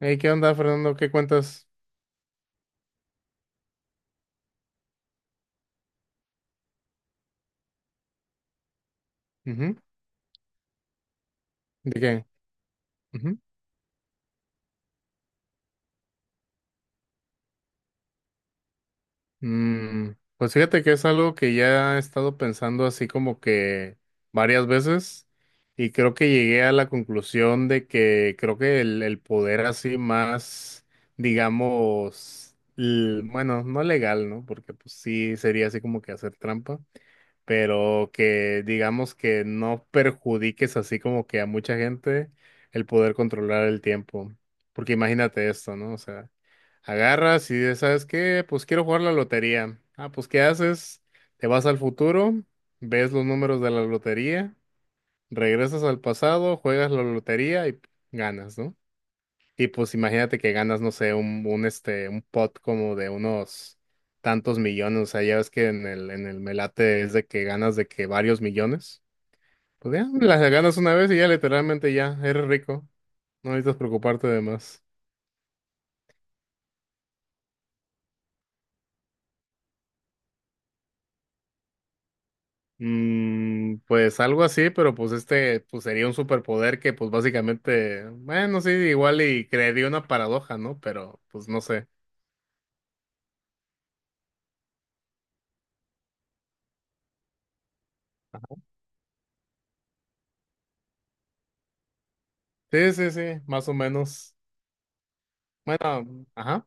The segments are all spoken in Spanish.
Hey, ¿qué onda, Fernando? ¿Qué cuentas? Ujú. ¿De qué? Ujú. Mm, pues fíjate que es algo que ya he estado pensando así como que varias veces, y creo que llegué a la conclusión de que creo que el poder así más, digamos, bueno, no legal, ¿no? Porque pues sí sería así como que hacer trampa. Pero que digamos que no perjudiques así como que a mucha gente, el poder controlar el tiempo. Porque imagínate esto, ¿no? O sea, agarras y dices, ¿sabes qué? Pues quiero jugar la lotería. Ah, pues ¿qué haces? Te vas al futuro, ves los números de la lotería, regresas al pasado, juegas la lotería y ganas, ¿no? Y pues imagínate que ganas, no sé, un este, un pot como de unos tantos millones. O sea, ya ves que en el Melate es de que ganas de que varios millones. Pues ya, las ganas una vez y ya literalmente ya, eres rico. No necesitas preocuparte de más. Mm, pues algo así, pero pues este, pues sería un superpoder que pues básicamente, bueno, sí, igual y crearía una paradoja, ¿no? Pero pues no sé. Sí, sí, sí, más o menos. Bueno, ajá,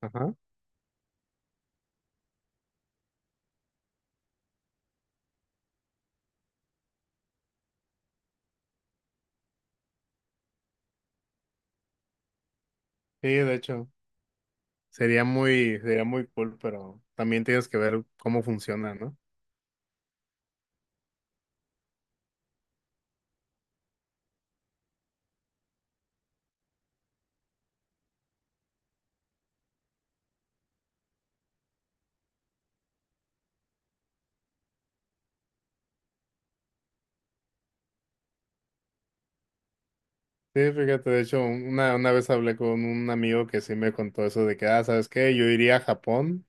ajá. Sí, de hecho. Sería muy cool, pero también tienes que ver cómo funciona, ¿no? Sí, fíjate, de hecho, una vez hablé con un amigo que sí me contó eso de que, ah, ¿sabes qué? Yo iría a Japón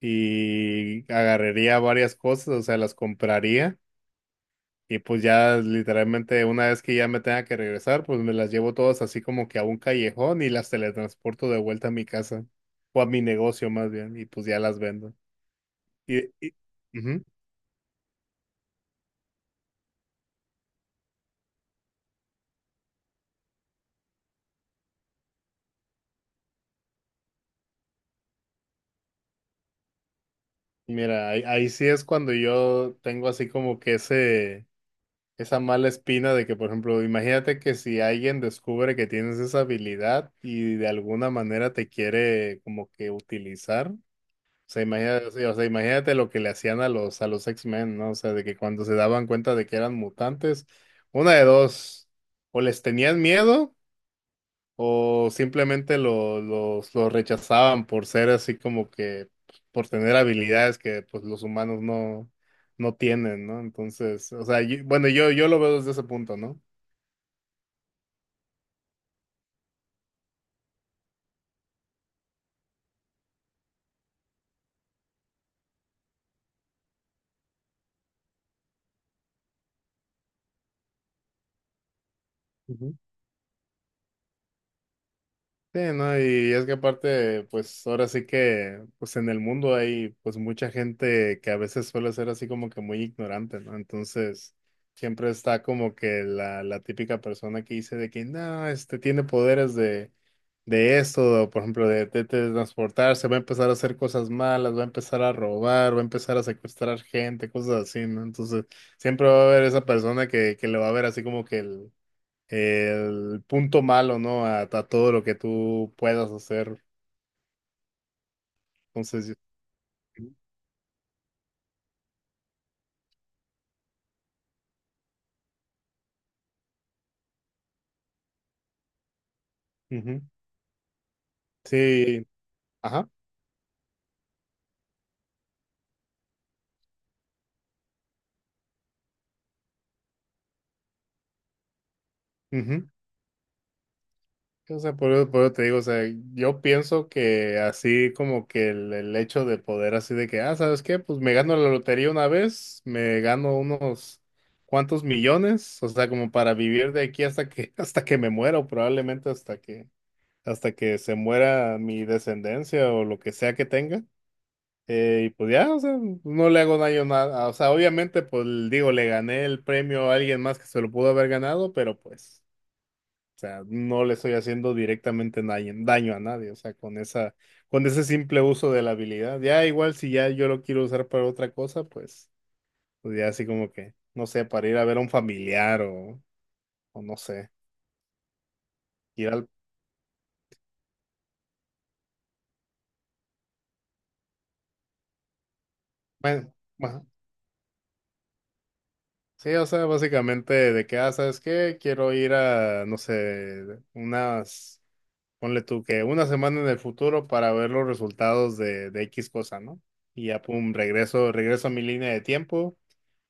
y agarraría varias cosas, o sea, las compraría, y pues ya literalmente una vez que ya me tenga que regresar, pues me las llevo todas así como que a un callejón y las teletransporto de vuelta a mi casa, o a mi negocio más bien, y pues ya las vendo. Y, y, ujú. Mira, ahí, ahí sí es cuando yo tengo así como que ese, esa mala espina de que, por ejemplo, imagínate que si alguien descubre que tienes esa habilidad y de alguna manera te quiere como que utilizar. O sea, imagínate lo que le hacían a los X-Men, ¿no? O sea, de que cuando se daban cuenta de que eran mutantes, una de dos, o les tenían miedo o simplemente los rechazaban por ser así como que, pues, por tener habilidades que pues los humanos no, no tienen, ¿no? Entonces, o sea, bueno, yo lo veo desde ese punto, ¿no? Sí, ¿no? Y es que aparte, pues ahora sí que, pues en el mundo hay pues mucha gente que a veces suele ser así como que muy ignorante, ¿no? Entonces, siempre está como que la típica persona que dice de que, no, este tiene poderes de esto, o, por ejemplo, de transportarse, va a empezar a hacer cosas malas, va a empezar a robar, va a empezar a secuestrar gente, cosas así, ¿no? Entonces, siempre va a haber esa persona que le va a ver así como que el punto malo, ¿no? A todo lo que tú puedas hacer. Entonces, yo- ujú. Sí, ajá. Ujú. O sea, por eso te digo, o sea, yo pienso que así como que el hecho de poder así de que, ah, ¿sabes qué? Pues me gano la lotería una vez, me gano unos cuantos millones, o sea, como para vivir de aquí hasta que, hasta que me muera, o probablemente hasta que se muera mi descendencia o lo que sea que tenga. Y pues ya, o sea, no le hago daño nada. O sea, obviamente, pues digo, le gané el premio a alguien más que se lo pudo haber ganado, pero pues, o sea, no le estoy haciendo directamente daño, daño a nadie. O sea, con esa, con ese simple uso de la habilidad. Ya igual si ya yo lo quiero usar para otra cosa, pues, pues ya así como que, no sé, para ir a ver a un familiar o no sé, ir al, bueno, bueno, sí, o sea, básicamente de que, ah, ¿sabes qué? Quiero ir a, no sé, unas Ponle tú que una semana en el futuro para ver los resultados de X cosa, ¿no? Y ya, pum, regreso, regreso a mi línea de tiempo,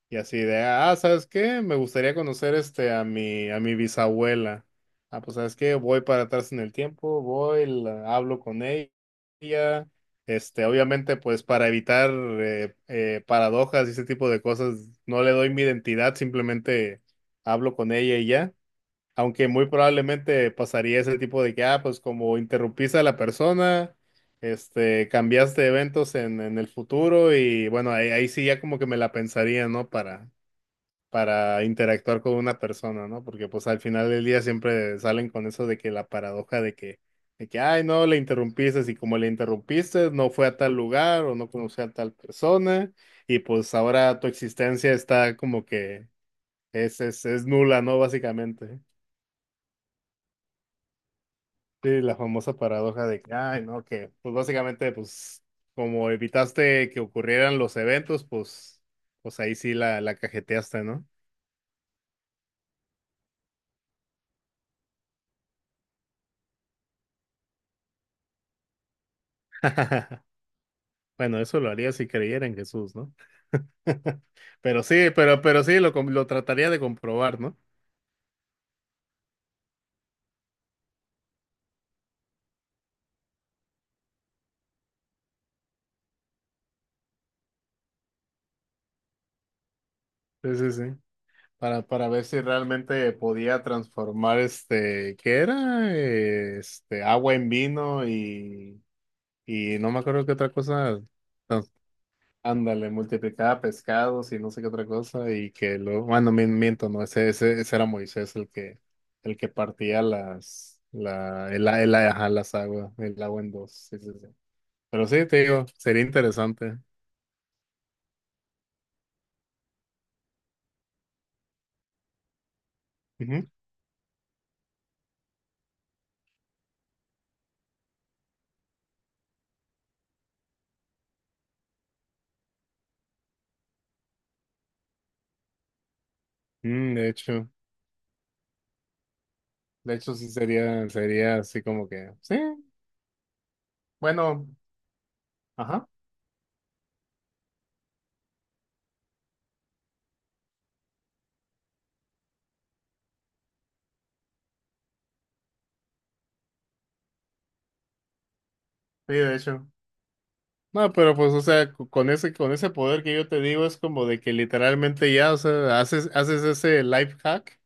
y así de, ah, ¿sabes qué? Me gustaría conocer este a mi bisabuela. Ah, pues, ¿sabes qué? Voy para atrás en el tiempo, voy, hablo con ella. Este, obviamente, pues para evitar paradojas y ese tipo de cosas, no le doy mi identidad, simplemente hablo con ella y ya. Aunque muy probablemente pasaría ese tipo de que, ah, pues como interrumpiste a la persona, este, cambiaste eventos en el futuro, y bueno, ahí, ahí sí ya como que me la pensaría, ¿no? Para interactuar con una persona, ¿no? Porque pues al final del día siempre salen con eso de que la paradoja de que, ay, no, le interrumpiste, y como le interrumpiste, no fue a tal lugar o no conoció a tal persona, y pues ahora tu existencia está como que es nula, ¿no? Básicamente. Sí, la famosa paradoja de que, ay, no, que, pues básicamente, pues, como evitaste que ocurrieran los eventos, pues, pues ahí sí la cajeteaste, ¿no? Bueno, eso lo haría si creyera en Jesús, ¿no? Pero sí, lo, lo trataría de comprobar, ¿no? Sí, sí, sí. Para ver si realmente podía transformar este, ¿qué era? Este, agua en vino y no me acuerdo qué otra cosa. Ándale, multiplicaba pescados y no sé qué otra cosa, y que luego, bueno, miento, no, ese era Moisés el que partía las, la, ajá, las aguas, el agua en dos, sí, sí, sí. Pero sí, te digo, sería interesante. Ujú. Mm, de hecho sí sería, sería así como que, sí, bueno, ajá, sí, de hecho. No, pero pues, o sea, con ese poder que yo te digo, es como de que literalmente ya, o sea, haces, haces ese life hack.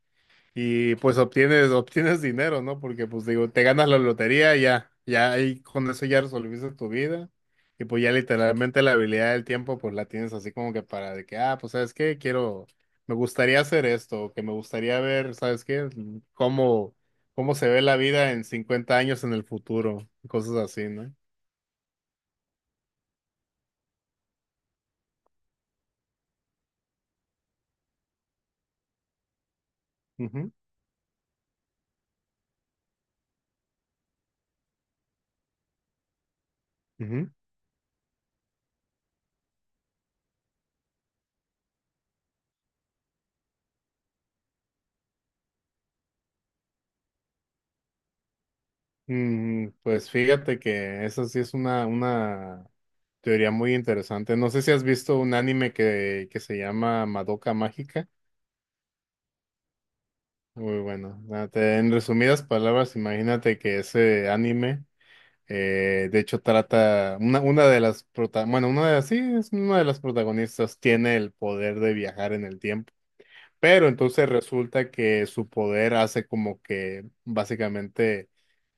Y pues obtienes, obtienes dinero, ¿no? Porque pues digo, te ganas la lotería, ya, ya ahí con eso ya resolviste tu vida. Y pues ya literalmente la habilidad del tiempo pues la tienes así como que para de que, ah, pues sabes qué, quiero, me gustaría hacer esto, o que me gustaría ver, ¿sabes qué? Cómo, cómo se ve la vida en 50 años en el futuro, y cosas así, no. Ujú, ujú. Mm, pues fíjate que esa sí es una teoría muy interesante. No sé si has visto un anime que se llama Madoka Mágica. Muy bueno. Ah, en resumidas palabras, imagínate que ese anime, de hecho, trata una de las bueno, una de las, sí, es una de las protagonistas tiene el poder de viajar en el tiempo. Pero entonces resulta que su poder hace como que básicamente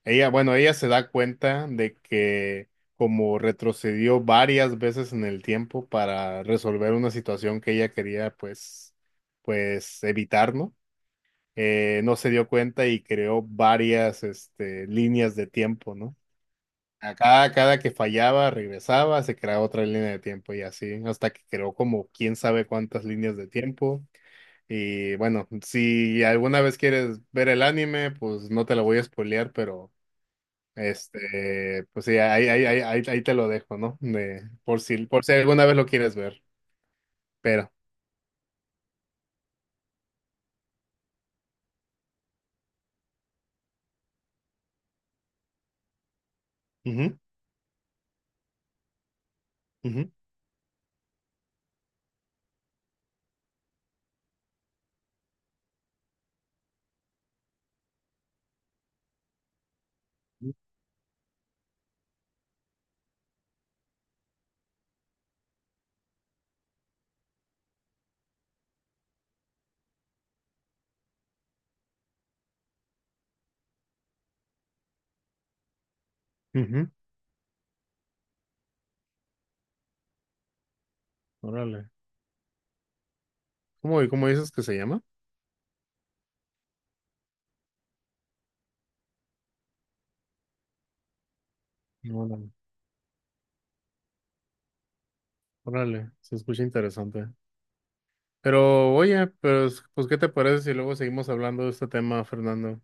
ella, bueno, ella se da cuenta de que como retrocedió varias veces en el tiempo para resolver una situación que ella quería pues pues evitar, ¿no? No se dio cuenta y creó varias este líneas de tiempo, ¿no? Acá, cada que fallaba, regresaba, se creaba otra línea de tiempo y así, hasta que creó como quién sabe cuántas líneas de tiempo. Y bueno, si alguna vez quieres ver el anime, pues no te lo voy a spoilear, pero este, pues sí, ahí te lo dejo, ¿no? De, por si alguna vez lo quieres ver. Pero. Ujú, ujú, ujú. Órale. ¿Cómo, cómo dices que se llama? Órale. Órale. Se escucha interesante. Pero oye, pues, pues ¿qué te parece si luego seguimos hablando de este tema, Fernando?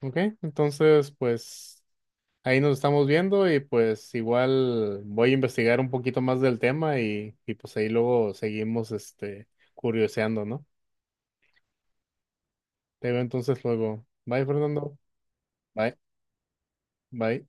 Ok, entonces pues ahí nos estamos viendo y pues igual voy a investigar un poquito más del tema, y pues ahí luego seguimos este curioseando, ¿no? Te veo entonces luego. Bye, Fernando. Bye, bye.